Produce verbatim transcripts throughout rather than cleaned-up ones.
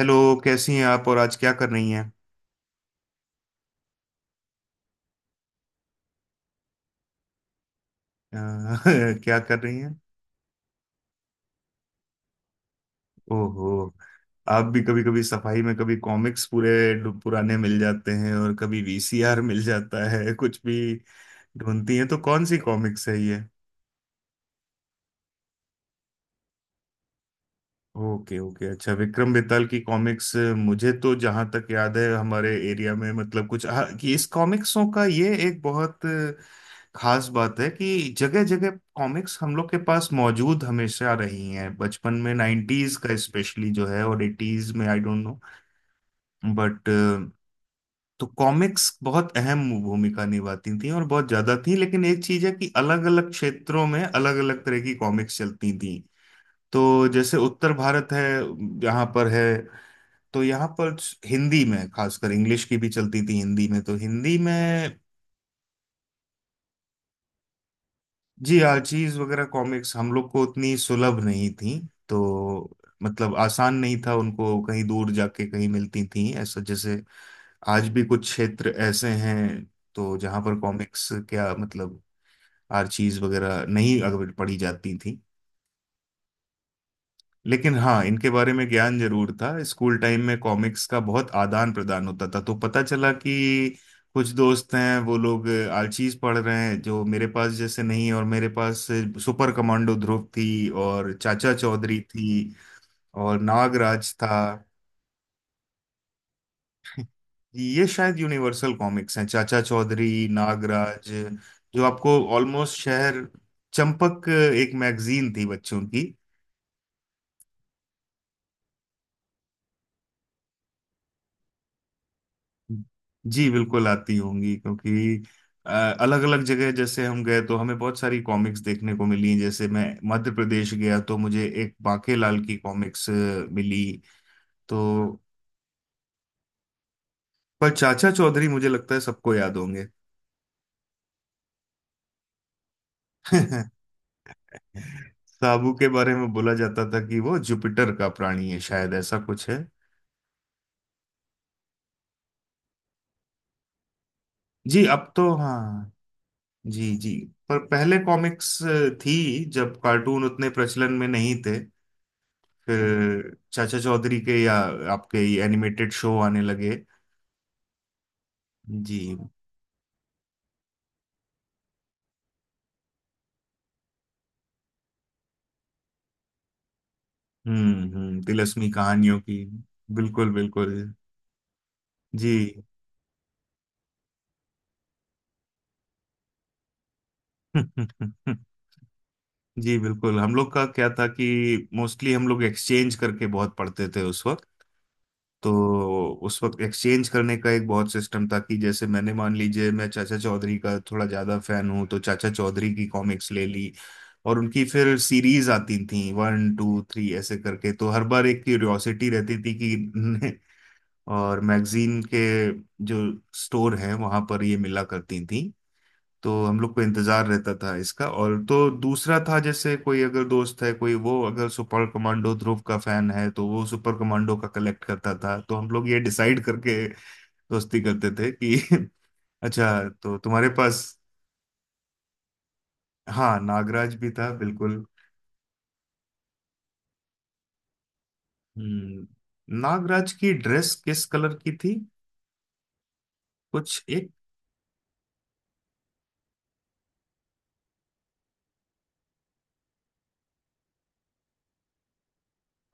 Hello. कैसी हैं आप और आज क्या कर रही हैं? अ, क्या कर रही हैं? ओहो। आप भी कभी कभी सफाई में कभी कॉमिक्स पूरे पुराने मिल जाते हैं और कभी वीसीआर मिल जाता है कुछ भी ढूंढती हैं, तो कौन सी कॉमिक्स है? ओके ओके, अच्छा विक्रम बेताल की कॉमिक्स। मुझे तो जहां तक याद है हमारे एरिया में मतलब कुछ हाँ, कि इस कॉमिक्सों का ये एक बहुत खास बात है कि जगह जगह कॉमिक्स हम लोग के पास मौजूद हमेशा रही हैं बचपन में। नाइन्टीज का स्पेशली जो है और एटीज में। आई डोंट नो बट, तो कॉमिक्स बहुत अहम भूमिका निभाती थी और बहुत ज्यादा थी। लेकिन एक चीज है कि अलग अलग क्षेत्रों में अलग अलग तरह की कॉमिक्स चलती थी। तो जैसे उत्तर भारत है, यहाँ पर है, तो यहाँ पर हिंदी में खासकर, इंग्लिश की भी चलती थी, हिंदी में तो हिंदी में। जी, आर्चीज वगैरह कॉमिक्स हम लोग को उतनी सुलभ नहीं थी। तो मतलब आसान नहीं था, उनको कहीं दूर जाके कहीं मिलती थी ऐसा। जैसे आज भी कुछ क्षेत्र ऐसे हैं तो, जहाँ पर कॉमिक्स क्या मतलब आर्चीज वगैरह नहीं अगर पढ़ी जाती थी। लेकिन हाँ, इनके बारे में ज्ञान जरूर था। स्कूल टाइम में कॉमिक्स का बहुत आदान प्रदान होता था, तो पता चला कि कुछ दोस्त हैं, वो लोग आलचीज पढ़ रहे हैं जो मेरे पास जैसे नहीं, और मेरे पास सुपर कमांडो ध्रुव थी और चाचा चौधरी थी और नागराज था। ये शायद यूनिवर्सल कॉमिक्स हैं, चाचा चौधरी नागराज जो आपको ऑलमोस्ट शहर। चंपक एक मैगजीन थी बच्चों की। जी बिल्कुल आती होंगी क्योंकि अलग अलग जगह जैसे हम गए तो हमें बहुत सारी कॉमिक्स देखने को मिली। जैसे मैं मध्य प्रदेश गया तो मुझे एक बांके लाल की कॉमिक्स मिली तो। पर चाचा चौधरी मुझे लगता है सबको याद होंगे साबू के बारे में बोला जाता था कि वो जुपिटर का प्राणी है, शायद ऐसा कुछ है। जी अब तो हाँ। जी जी। पर पहले कॉमिक्स थी, जब कार्टून उतने प्रचलन में नहीं थे। फिर चाचा चौधरी के या आपके ये एनिमेटेड शो आने लगे। जी। हम्म हम्म तिलस्मी कहानियों की। बिल्कुल बिल्कुल। जी। जी, बिल्कुल हम लोग का क्या था कि मोस्टली हम लोग एक्सचेंज करके बहुत पढ़ते थे उस वक्त। तो उस वक्त एक्सचेंज करने का एक बहुत सिस्टम था कि जैसे मैंने मान लीजिए, मैं चाचा चौधरी का थोड़ा ज्यादा फैन हूँ, तो चाचा चौधरी की कॉमिक्स ले ली। और उनकी फिर सीरीज आती थी वन टू थ्री ऐसे करके, तो हर बार एक क्यूरियोसिटी रहती थी कि और मैगजीन के जो स्टोर हैं वहां पर ये मिला करती थी। तो हम लोग को इंतजार रहता था इसका। और तो दूसरा था जैसे कोई अगर दोस्त है कोई, वो अगर सुपर कमांडो ध्रुव का फैन है तो वो सुपर कमांडो का कलेक्ट करता था। तो हम लोग ये डिसाइड करके दोस्ती करते थे कि अच्छा तो तुम्हारे पास। हाँ, नागराज भी था बिल्कुल। हम्म। नागराज की ड्रेस किस कलर की थी? कुछ एक।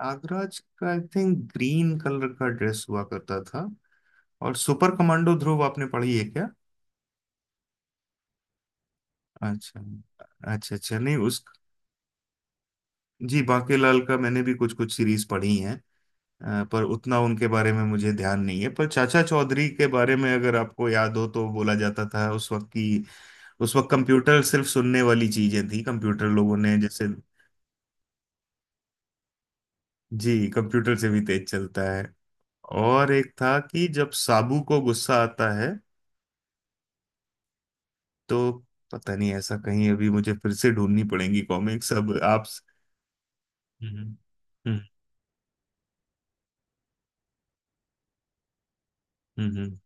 नागराज का आई थिंक ग्रीन कलर का ड्रेस हुआ करता था। और सुपर कमांडो ध्रुव आपने पढ़ी है क्या? अच्छा अच्छा अच्छा नहीं उस। जी बाकीलाल का मैंने भी कुछ कुछ सीरीज पढ़ी हैं। अ, पर उतना उनके बारे में मुझे ध्यान नहीं है। पर चाचा चौधरी के बारे में अगर आपको याद हो, तो बोला जाता था उस वक्त की उस वक्त कंप्यूटर सिर्फ सुनने वाली चीजें थी, कंप्यूटर लोगों ने जैसे। जी कंप्यूटर से भी तेज चलता है। और एक था कि जब साबू को गुस्सा आता है तो पता नहीं ऐसा कहीं अभी मुझे फिर से ढूंढनी पड़ेंगी कॉमिक्स अब आप। हम्म। हम्म। हम्म, हम्म।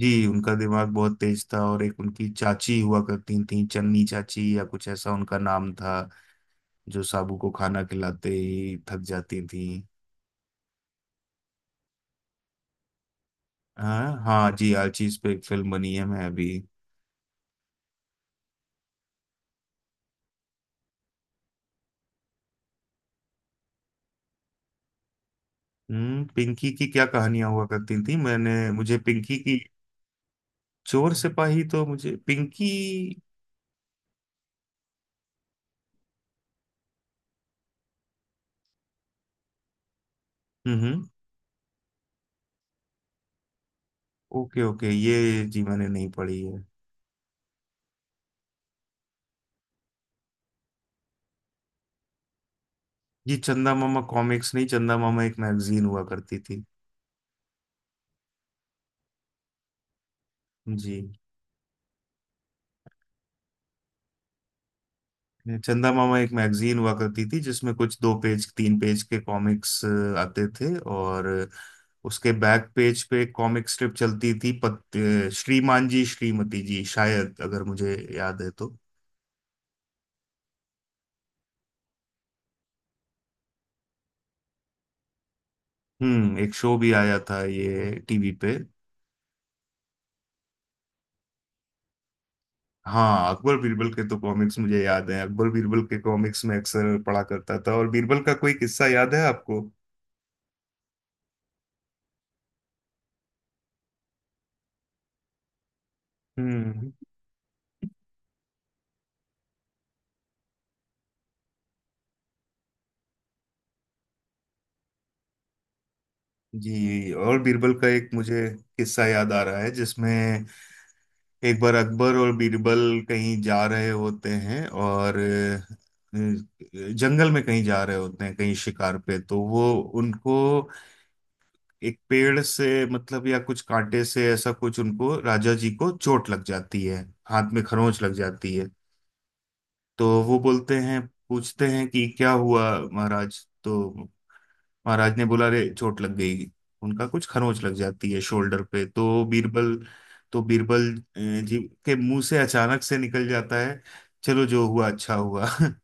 जी उनका दिमाग बहुत तेज था, और एक उनकी चाची हुआ करती थी चन्नी चाची या कुछ ऐसा उनका नाम था, जो साबू को खाना खिलाते ही थक जाती थी। हाँ हाँ जी, आलची पे एक फिल्म बनी है, मैं अभी। हम्म। पिंकी की क्या कहानियां हुआ करती थी? मैंने मुझे पिंकी की। चोर सिपाही, तो मुझे पिंकी। हम्म हम्म। ओके ओके, ये जी मैंने नहीं पढ़ी है। जी चंदा मामा कॉमिक्स नहीं, चंदा मामा एक मैगजीन हुआ करती थी। जी चंदा मामा एक मैगजीन हुआ करती थी जिसमें कुछ दो पेज तीन पेज के कॉमिक्स आते थे। और उसके बैक पेज पे कॉमिक स्ट्रिप चलती थी, पत, अ, श्रीमान जी श्रीमती जी शायद, अगर मुझे याद है तो। हम्म, एक शो भी आया था ये टीवी पे। हाँ अकबर बीरबल के तो कॉमिक्स मुझे याद है। अकबर बीरबल के कॉमिक्स में अक्सर पढ़ा करता था। और बीरबल का कोई किस्सा याद है आपको? हम्म। जी और बीरबल का एक मुझे किस्सा याद आ रहा है, जिसमें एक बार अकबर और बीरबल कहीं जा रहे होते हैं और अ, जंगल में कहीं जा रहे होते हैं, कहीं शिकार पे, तो वो उनको एक पेड़ से मतलब या कुछ कांटे से ऐसा कुछ उनको राजा जी को चोट लग जाती है। हाथ में खरोंच लग जाती है। तो वो बोलते हैं, पूछते हैं कि क्या हुआ महाराज, तो महाराज ने बोला रे चोट लग गई। उनका कुछ खरोंच लग जाती है शोल्डर पे। तो बीरबल तो बीरबल अ, जी के मुंह से अचानक से निकल जाता है चलो जो हुआ अच्छा हुआ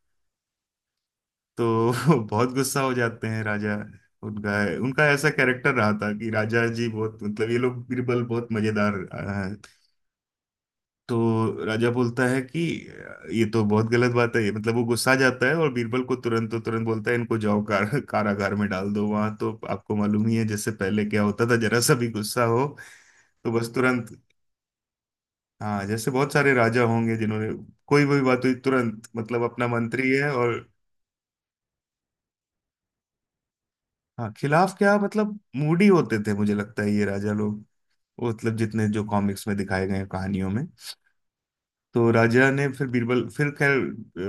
तो बहुत गुस्सा हो जाते हैं राजा। उनका उनका ऐसा कैरेक्टर रहा था कि राजा जी बहुत मतलब, ये लोग बीरबल बहुत मजेदार। तो राजा बोलता है कि ये तो बहुत गलत बात है, ये मतलब वो गुस्सा आ जाता है और बीरबल को तुरंत तो तुरंत बोलता है इनको जाओ कार, कारागार में डाल दो। वहां तो आपको मालूम ही है जैसे पहले क्या होता था जरा सा भी गुस्सा हो। तो बस तुरंत। हाँ जैसे बहुत सारे राजा होंगे जिन्होंने कोई भी बात हुई तुरंत मतलब अपना मंत्री है और। हाँ खिलाफ क्या मतलब, मूडी होते थे मुझे लगता है ये राजा लोग, वो मतलब जितने जो कॉमिक्स में दिखाए गए हैं, कहानियों में। तो राजा ने फिर बीरबल फिर खैर,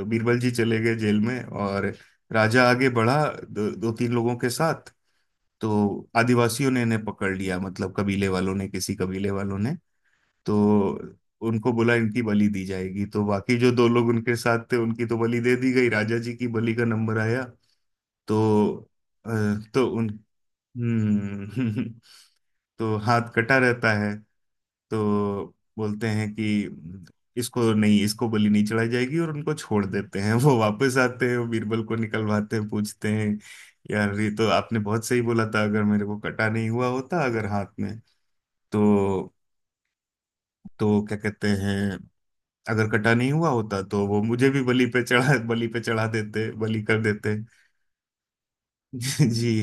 अ, बीरबल जी चले गए जेल में। और राजा आगे बढ़ा दो, दो तीन लोगों के साथ। तो आदिवासियों ने इन्हें पकड़ लिया, मतलब कबीले वालों ने, किसी कबीले वालों ने, तो उनको बोला इनकी बलि दी जाएगी। तो बाकी जो दो लोग उनके साथ थे उनकी तो बलि दे दी गई। राजा जी की बलि का नंबर आया। तो अ, तो उन। हम्म। तो हाथ कटा रहता है। तो बोलते हैं कि इसको नहीं, इसको बलि नहीं चढ़ाई जाएगी, और उनको छोड़ देते हैं वो वापस आते हैं, वो बीरबल को निकलवाते हैं, पूछते हैं यार ये तो आपने बहुत सही बोला था, अगर मेरे को कटा नहीं हुआ होता, अगर हाथ में। तो तो क्या कहते हैं, अगर कटा नहीं हुआ होता तो वो मुझे भी बलि पे चढ़ा बलि पे चढ़ा देते, बलि कर देते जी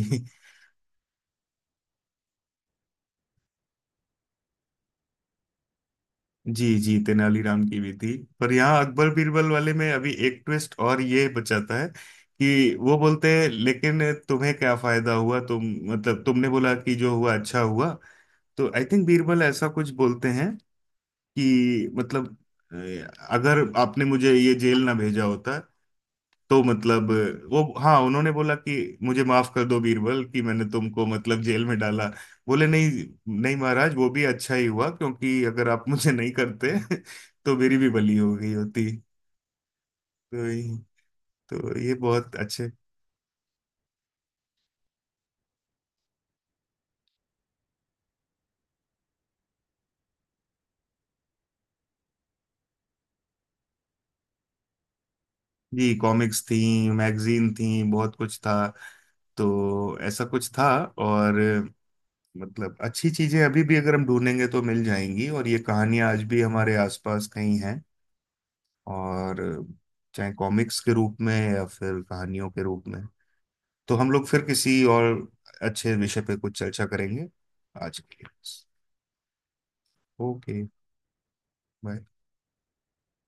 जी। जी तेनालीराम की भी थी, पर यहाँ अकबर बीरबल वाले में अभी एक ट्विस्ट और, ये बचाता है कि वो बोलते हैं लेकिन तुम्हें क्या फायदा हुआ, तुम मतलब तुमने बोला कि जो हुआ अच्छा हुआ। तो आई थिंक बीरबल ऐसा कुछ बोलते हैं कि मतलब अ, अगर आपने मुझे ये जेल ना भेजा होता तो मतलब। वो हाँ, उन्होंने बोला कि मुझे माफ कर दो बीरबल, कि मैंने तुमको मतलब जेल में डाला। बोले नहीं, नहीं महाराज वो भी अच्छा ही हुआ, क्योंकि अगर आप मुझे नहीं करते तो मेरी भी बलि हो गई होती। तो ये- तो ये बहुत अच्छे। जी, कॉमिक्स थी मैगजीन थी बहुत कुछ था। तो ऐसा कुछ था। और मतलब अच्छी चीजें अभी भी अगर हम ढूंढेंगे तो मिल जाएंगी। और ये कहानियां आज भी हमारे आसपास कहीं हैं। और चाहे कॉमिक्स के रूप में या फिर कहानियों के रूप में। तो हम लोग फिर किसी और अच्छे विषय पे कुछ चर्चा करेंगे। आज के लिए। ओके। बाय।